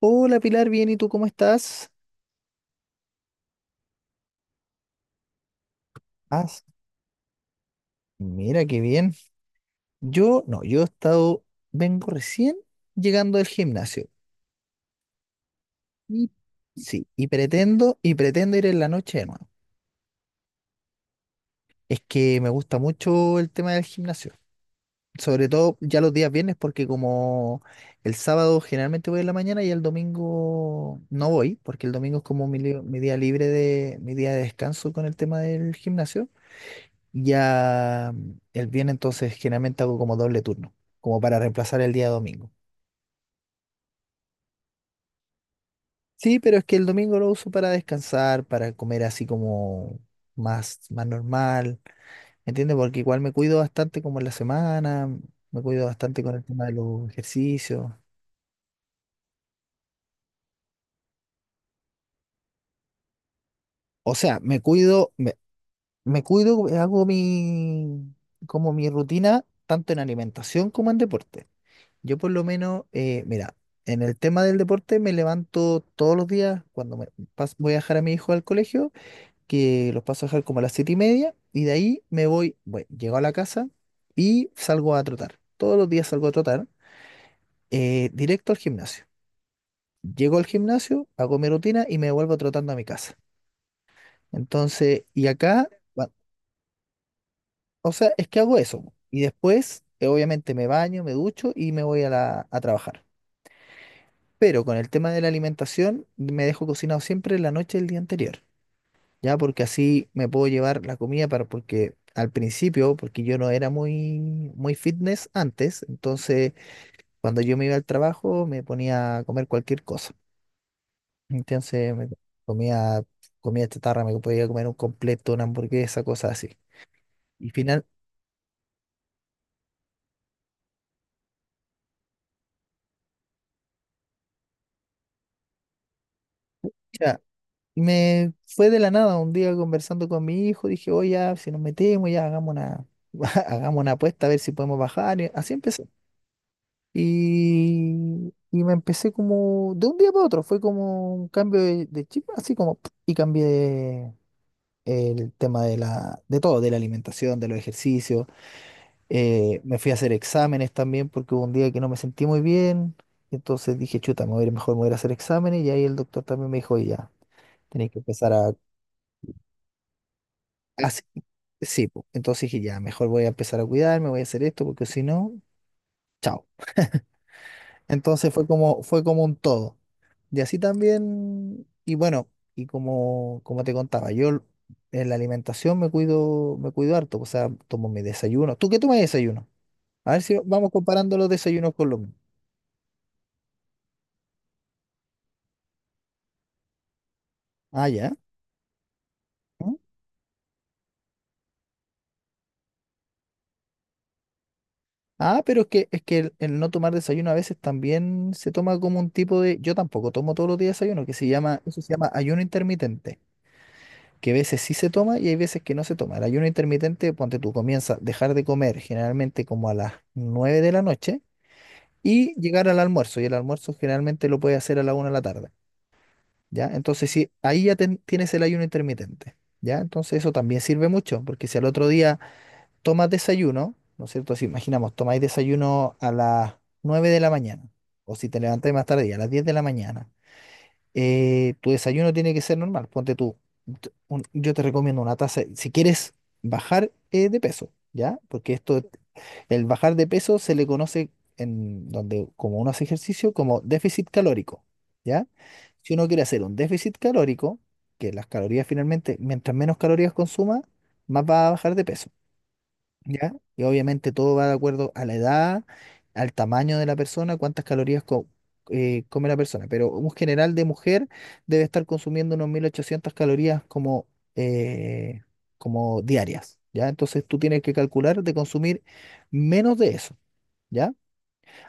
Hola Pilar, bien, ¿y tú cómo estás? Ah, mira qué bien. Yo, no, yo he estado, vengo recién llegando del gimnasio. Y sí, y pretendo ir en la noche de nuevo. Es que me gusta mucho el tema del gimnasio. Sobre todo ya los días viernes, porque como el sábado generalmente voy en la mañana y el domingo no voy, porque el domingo es como mi día libre de mi día de descanso con el tema del gimnasio. Ya, el viernes entonces generalmente hago como doble turno, como para reemplazar el día domingo. Sí, pero es que el domingo lo uso para descansar, para comer así como más normal, ¿entiendes? Porque igual me cuido bastante como en la semana, me cuido bastante con el tema de los ejercicios. O sea, me cuido, como mi rutina tanto en alimentación como en deporte. Yo por lo menos, mira, en el tema del deporte me levanto todos los días cuando voy a dejar a mi hijo al colegio, que los paso a dejar como a las 7:30, y de ahí me voy, bueno, llego a la casa y salgo a trotar. Todos los días salgo a trotar, directo al gimnasio. Llego al gimnasio, hago mi rutina y me vuelvo trotando a mi casa. Entonces, y acá, va- o sea, es que hago eso. Y después, obviamente, me baño, me ducho y me voy a trabajar. Pero con el tema de la alimentación, me dejo cocinado siempre la noche del día anterior, ¿ya? Porque así me puedo llevar la comida para, porque al principio, porque yo no era muy, muy fitness antes, entonces cuando yo me iba al trabajo me ponía a comer cualquier cosa. Entonces me comía comida chatarra, me podía comer un completo, una hamburguesa, cosas así. Y final, Me fue de la nada un día conversando con mi hijo, dije, oye, ya, si nos metemos, ya hagamos una, hagamos una apuesta a ver si podemos bajar. Y así empecé. Y me empecé como, de un día para otro, fue como un cambio de chip, así como, ¡pum!, y cambié el tema de todo, de la alimentación, de los ejercicios. Me fui a hacer exámenes también porque hubo un día que no me sentí muy bien. Entonces dije, chuta, me voy a ir mejor, me voy a ir a hacer exámenes. Y ahí el doctor también me dijo, "Oye, ya. Tenéis que empezar a". Así, sí, po. Entonces dije, ya, mejor voy a empezar a cuidarme, voy a hacer esto, porque si no, chao. Entonces fue como un todo. Y así también, y bueno, y como te contaba, yo en la alimentación me cuido harto, o sea, tomo mi desayuno. ¿Tú qué tomas de desayuno? A ver si vamos comparando los desayunos con los míos. Ah, ya. ¿Mm? Ah, pero es que el no tomar desayuno a veces también se toma como un tipo de, yo tampoco tomo todos los días desayuno, que se llama, eso se llama ayuno intermitente. Que a veces sí se toma y hay veces que no se toma. El ayuno intermitente, ponte tú, comienza a dejar de comer generalmente como a las 9 de la noche y llegar al almuerzo. Y el almuerzo generalmente lo puedes hacer a la 1 de la tarde, ¿ya? Entonces, sí, ahí ya tienes el ayuno intermitente, ¿ya? Entonces, eso también sirve mucho, porque si al otro día tomas desayuno, ¿no es cierto? Si imaginamos, tomáis desayuno a las 9 de la mañana, o si te levantáis más tarde, a las 10 de la mañana, tu desayuno tiene que ser normal. Ponte tú, yo te recomiendo una taza, si quieres bajar, de peso, ¿ya? Porque esto, el bajar de peso se le conoce en donde, como uno hace ejercicio, como déficit calórico, ¿ya? Si uno quiere hacer un déficit calórico, que las calorías finalmente, mientras menos calorías consuma, más va a bajar de peso. ¿Ya? Y obviamente todo va de acuerdo a la edad, al tamaño de la persona, cuántas calorías come la persona. Pero un general de mujer debe estar consumiendo unos 1800 calorías eh, como diarias, ¿ya? Entonces tú tienes que calcular de consumir menos de eso, ¿ya?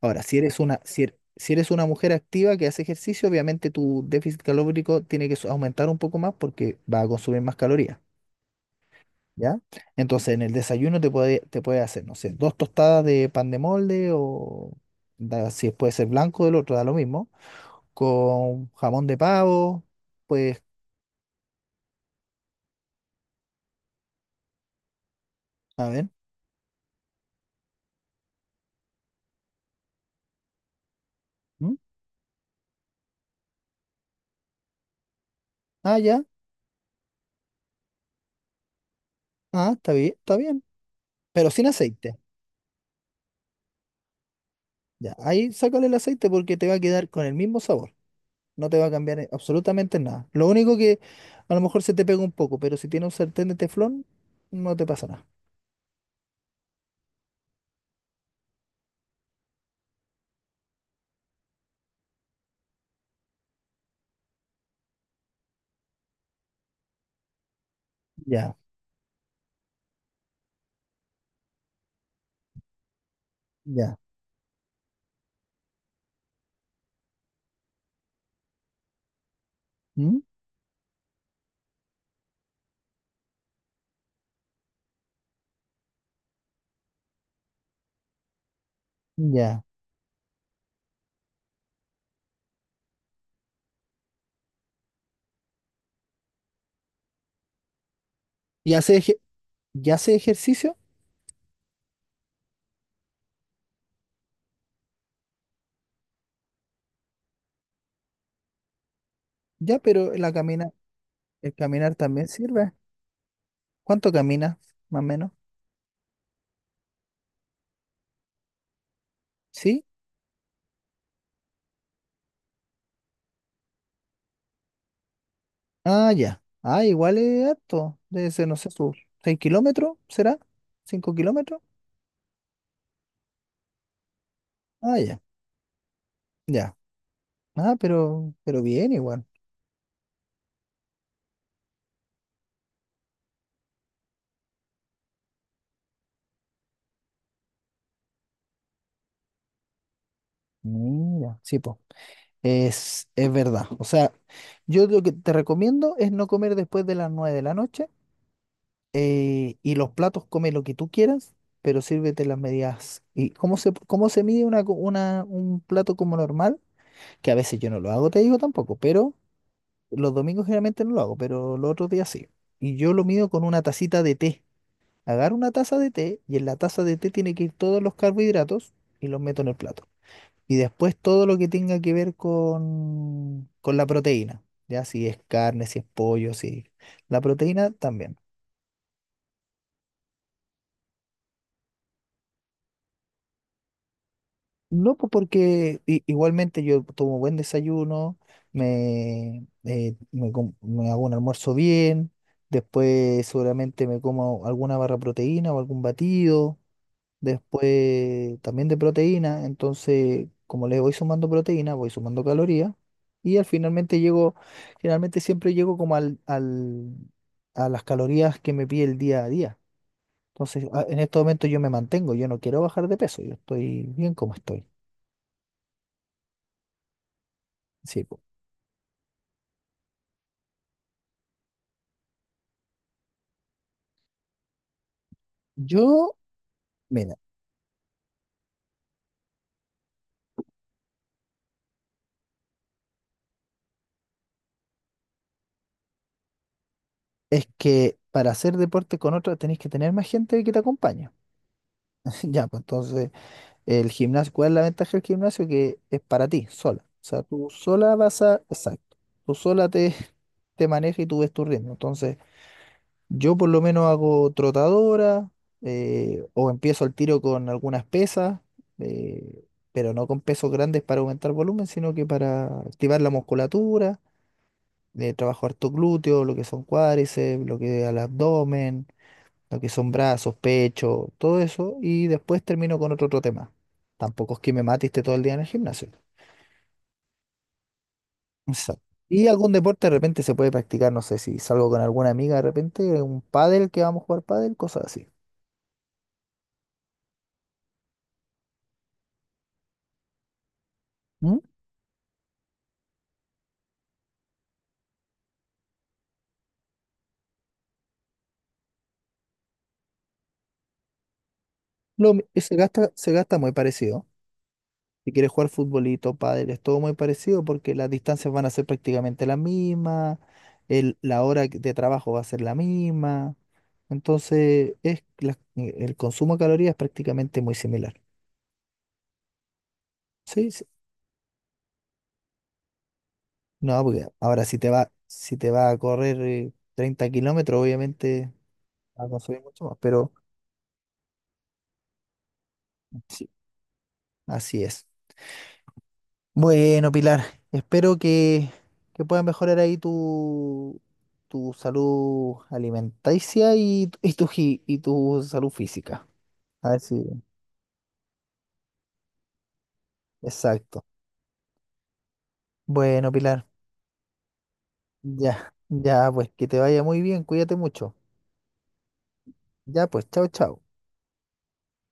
Ahora, si eres una mujer activa que hace ejercicio, obviamente tu déficit calórico tiene que aumentar un poco más porque va a consumir más calorías. ¿Ya? Entonces, en el desayuno te puede hacer, no sé, dos tostadas de pan de molde o si puede ser blanco del otro, da lo mismo, con jamón de pavo, pues, a ver. ¿Mm? Ah, ya, ah, está bien, pero sin aceite. Ya, ahí sácale el aceite porque te va a quedar con el mismo sabor, no te va a cambiar absolutamente nada. Lo único que a lo mejor se te pega un poco, pero si tiene un sartén de teflón, no te pasa nada. Ya, ya. ¿Mm? Ya. ¿Y hace ejercicio? Ya, pero el caminar también sirve. ¿Cuánto caminas, más o menos? ¿Sí? Ah, ya. Ah, igual es harto. Debe ser, no sé, sus 6 kilómetros, ¿será? ¿5 kilómetros? Ah, ya. Ya. Ah, pero bien igual. Mira, sí, po. Es verdad. O sea, yo lo que te recomiendo es no comer después de las 9 de la noche. Y los platos come lo que tú quieras, pero sírvete las medidas. ¿Y cómo se mide un plato como normal? Que a veces yo no lo hago, te digo tampoco, pero los domingos generalmente no lo hago, pero los otros días sí. Y yo lo mido con una tacita de té. Agarro una taza de té y en la taza de té tiene que ir todos los carbohidratos y los meto en el plato. Y después todo lo que tenga que ver con la proteína, ya si es carne, si es pollo, si la proteína también. No, pues porque igualmente yo tomo buen desayuno, me hago un almuerzo bien, después seguramente me como alguna barra de proteína o algún batido, después también de proteína, entonces como le voy sumando proteína, voy sumando calorías y al finalmente llego, generalmente siempre llego como a las calorías que me pide el día a día. Entonces en estos momentos yo me mantengo, yo no quiero bajar de peso, yo estoy bien como estoy. Sí. Yo, mira, es que para hacer deporte con otra tenés que tener más gente que te acompañe. Ya, pues entonces, el gimnasio, ¿cuál es la ventaja del gimnasio? Que es para ti, sola. O sea, tú sola vas a, exacto, tú sola te, te manejas y tú ves tu ritmo. Entonces, yo por lo menos hago trotadora, o empiezo el tiro con algunas pesas, eh, pero no con pesos grandes para aumentar volumen, sino que para activar la musculatura de trabajo harto glúteo, lo que son cuádriceps, lo que al abdomen, lo que son brazos, pecho, todo eso, y después termino con otro tema. Tampoco es que me matiste todo el día en el gimnasio. Exacto. Y algún deporte de repente se puede practicar, no sé, si salgo con alguna amiga de repente, un pádel que vamos a jugar pádel, cosas así. ¿Mm? Se gasta muy parecido. Si quieres jugar futbolito, pádel, es todo muy parecido porque las distancias van a ser prácticamente las mismas, la hora de trabajo va a ser la misma. Entonces, el consumo de calorías es prácticamente muy similar. Sí, sí. No, porque ahora si te va a correr, 30 kilómetros, obviamente va a consumir mucho más, pero sí, así es. Bueno, Pilar, espero que puedas mejorar ahí tu, tu salud alimenticia y tu salud física. A ver si, exacto. Bueno, Pilar, ya, ya, pues que te vaya muy bien, cuídate mucho. Ya, pues, chao, chao.